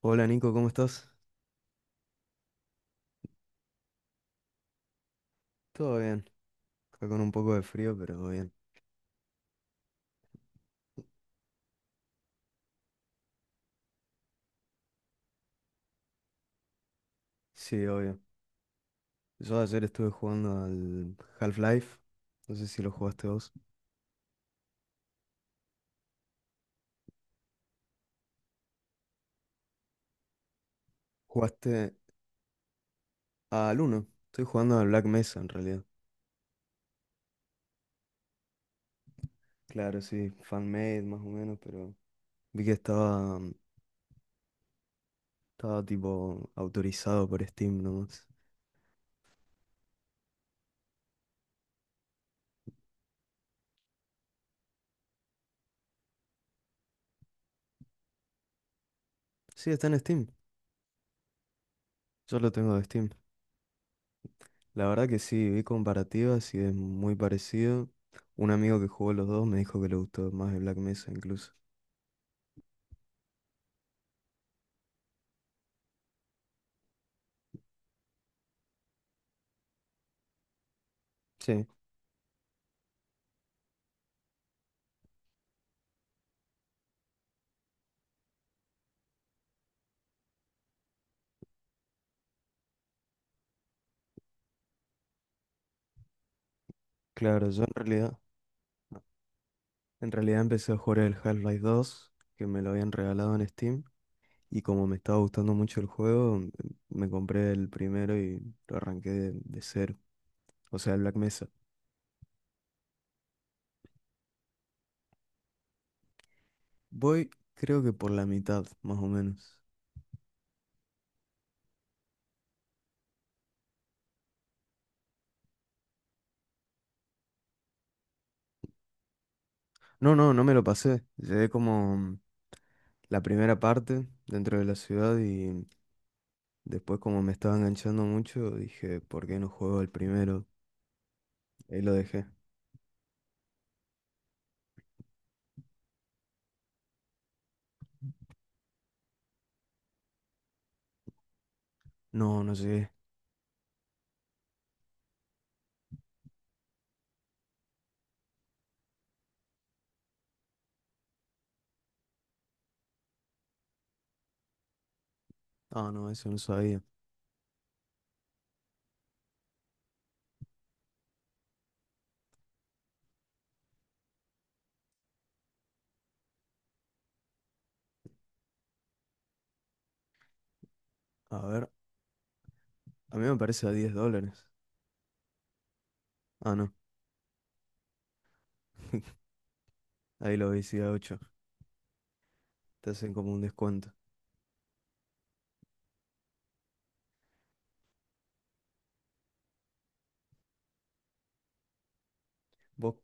Hola Nico, ¿cómo estás? Todo bien, acá con un poco de frío, pero bien. Sí, obvio. Yo ayer estuve jugando al Half-Life, no sé si lo jugaste vos. ¿Jugaste al uno? Estoy jugando al Black Mesa en realidad. Claro, sí, fan-made más o menos, pero vi que estaba, estaba tipo autorizado por Steam nomás. Sí, está en Steam, yo lo tengo de Steam. La verdad que sí, vi comparativas y es muy parecido. Un amigo que jugó los dos me dijo que le gustó más el Black Mesa incluso. Sí. Claro, yo en realidad, empecé a jugar el Half-Life 2 que me lo habían regalado en Steam, y como me estaba gustando mucho el juego, me compré el primero y lo arranqué de cero, o sea, el Black Mesa. Voy, creo que por la mitad, más o menos. No, no, no me lo pasé. Llegué como la primera parte dentro de la ciudad y después como me estaba enganchando mucho, dije, ¿por qué no juego el primero? Ahí lo dejé. No, no llegué. Ah, no, eso no sabía. A ver, a mí me parece a 10 dólares. Ah, no. Ahí lo veis a 8. Te hacen como un descuento. Vos,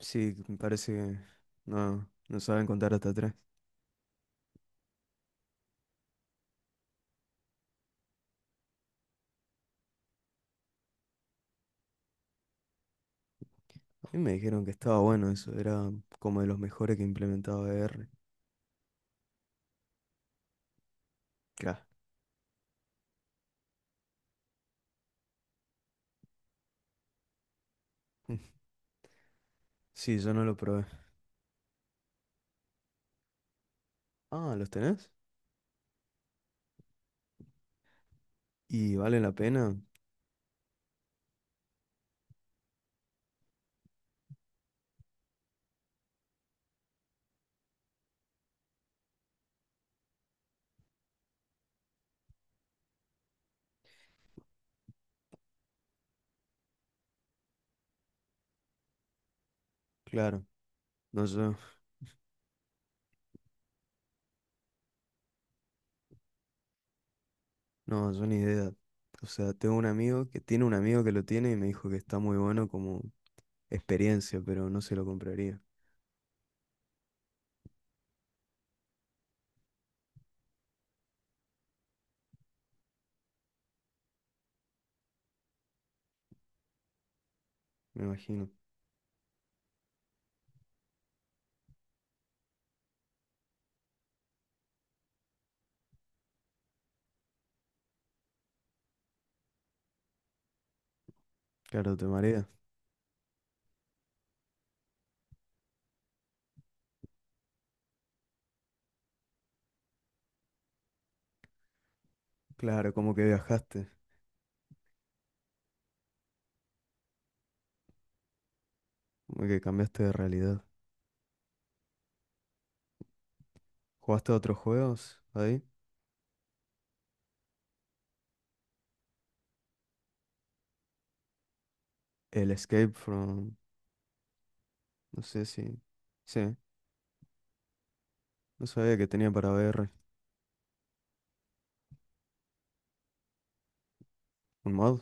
sí, me parece que no, no saben contar hasta 3. A mí me dijeron que estaba bueno eso. Era como de los mejores que implementaba R. Claro. Sí, yo no lo probé. Ah, ¿los tenés? ¿Y vale la pena? Claro. No, yo, no, yo ni idea. O sea, tengo un amigo que tiene un amigo que lo tiene y me dijo que está muy bueno como experiencia, pero no se lo compraría. Me imagino. Claro, te marea. Claro, como que viajaste. Como que cambiaste de realidad. ¿Jugaste a otros juegos ahí? El Escape from... No sé si... Sí, no sabía que tenía para VR. ¿Un mod?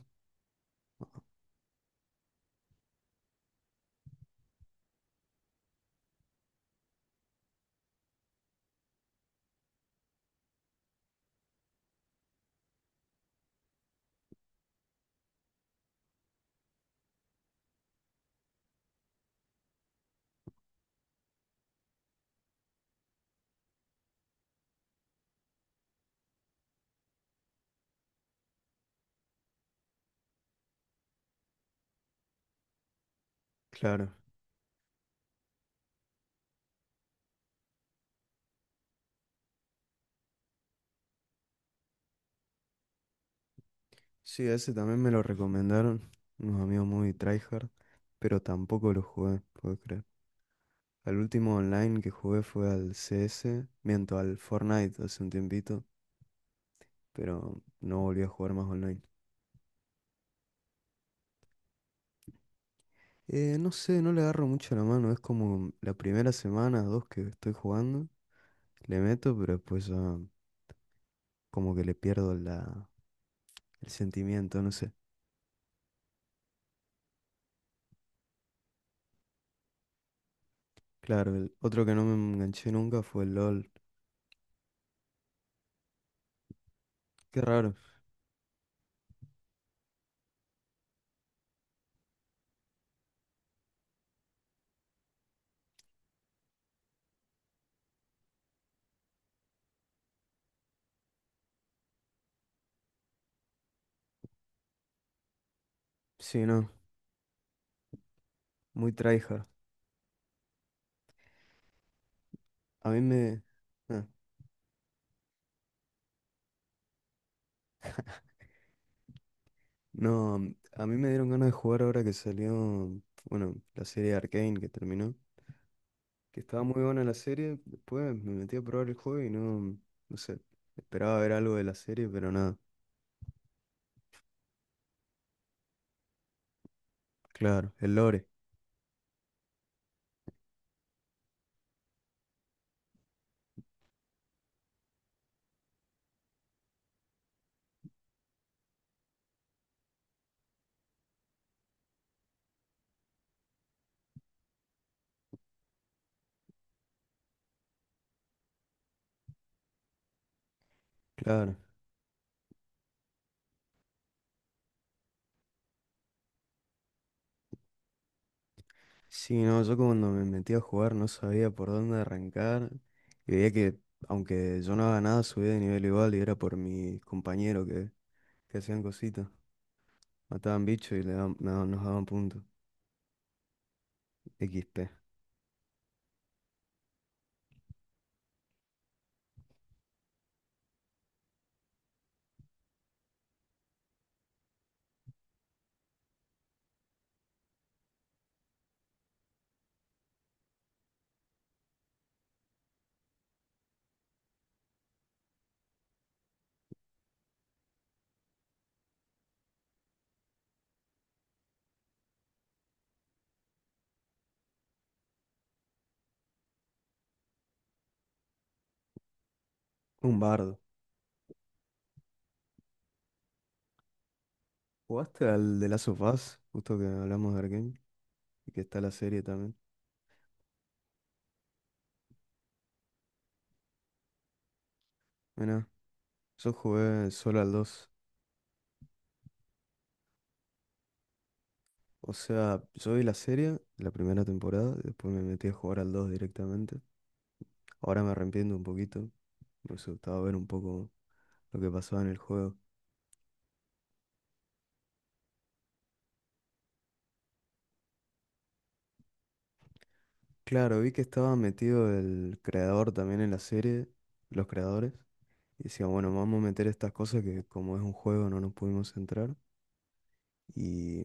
Claro. Sí, ese también me lo recomendaron unos amigos muy tryhard, pero tampoco lo jugué, puedo creer. El último online que jugué fue al CS, miento, al Fortnite hace un tiempito, pero no volví a jugar más online. No sé, no le agarro mucho la mano, es como la primera semana, dos que estoy jugando, le meto, pero después ya como que le pierdo la, el sentimiento, no sé. Claro, el otro que no me enganché nunca fue el LOL. Qué raro. Sí, no, muy tryhard. A mí me... ah, no, mm, A mí me dieron ganas de jugar ahora que salió, bueno, la serie Arcane que terminó. Que estaba muy buena la serie, después me metí a probar el juego y no, no sé. Esperaba ver algo de la serie, pero nada. Claro, el lore, claro. Sí, no, yo cuando me metí a jugar no sabía por dónde arrancar y veía que aunque yo no haga nada subía de nivel igual y era por mis compañeros que hacían cositas, mataban bichos y le daban- me nos daban puntos. XP. Un bardo. ¿Jugaste al de Last of Us? Justo que hablamos de Arkane y que está la serie también. Mira, yo jugué solo al 2. O sea, yo vi la serie, la primera temporada, y después me metí a jugar al 2 directamente. Ahora me arrepiento un poquito, me hubiese gustado ver un poco lo que pasaba en el juego. Claro, vi que estaba metido el creador también en la serie, los creadores, y decían, bueno, vamos a meter estas cosas que como es un juego no nos pudimos centrar. Y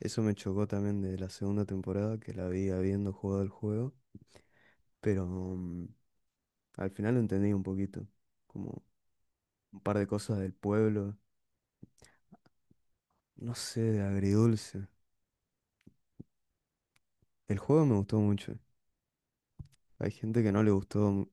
eso me chocó también de la segunda temporada, que la vi habiendo jugado el juego, pero al final lo entendí un poquito, como un par de cosas del pueblo, no sé, de agridulce. El juego me gustó mucho, hay gente que no le gustó,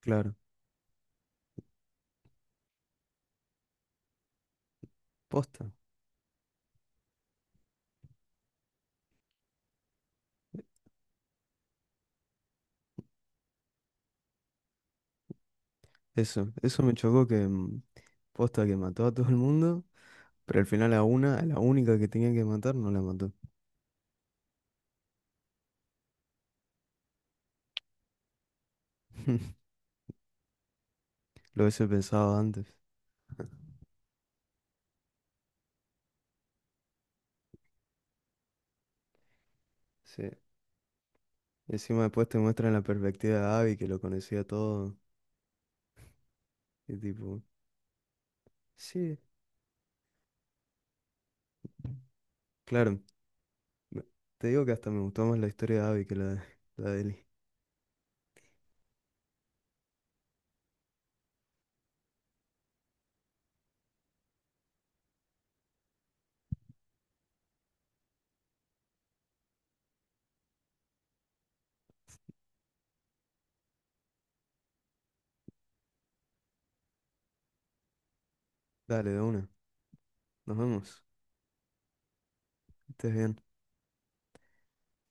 claro, posta. Eso me chocó que posta que mató a todo el mundo. Pero al final a una, a la única que tenía que matar, no la mató. Lo hubiese pensado antes. Sí. Encima después te muestran la perspectiva de Abby, que lo conocía todo. Y tipo, sí, claro. me- Te digo que hasta me gustó más la historia de Abby que la de Ellie. Dale, de una. Nos vemos. Que estés bien.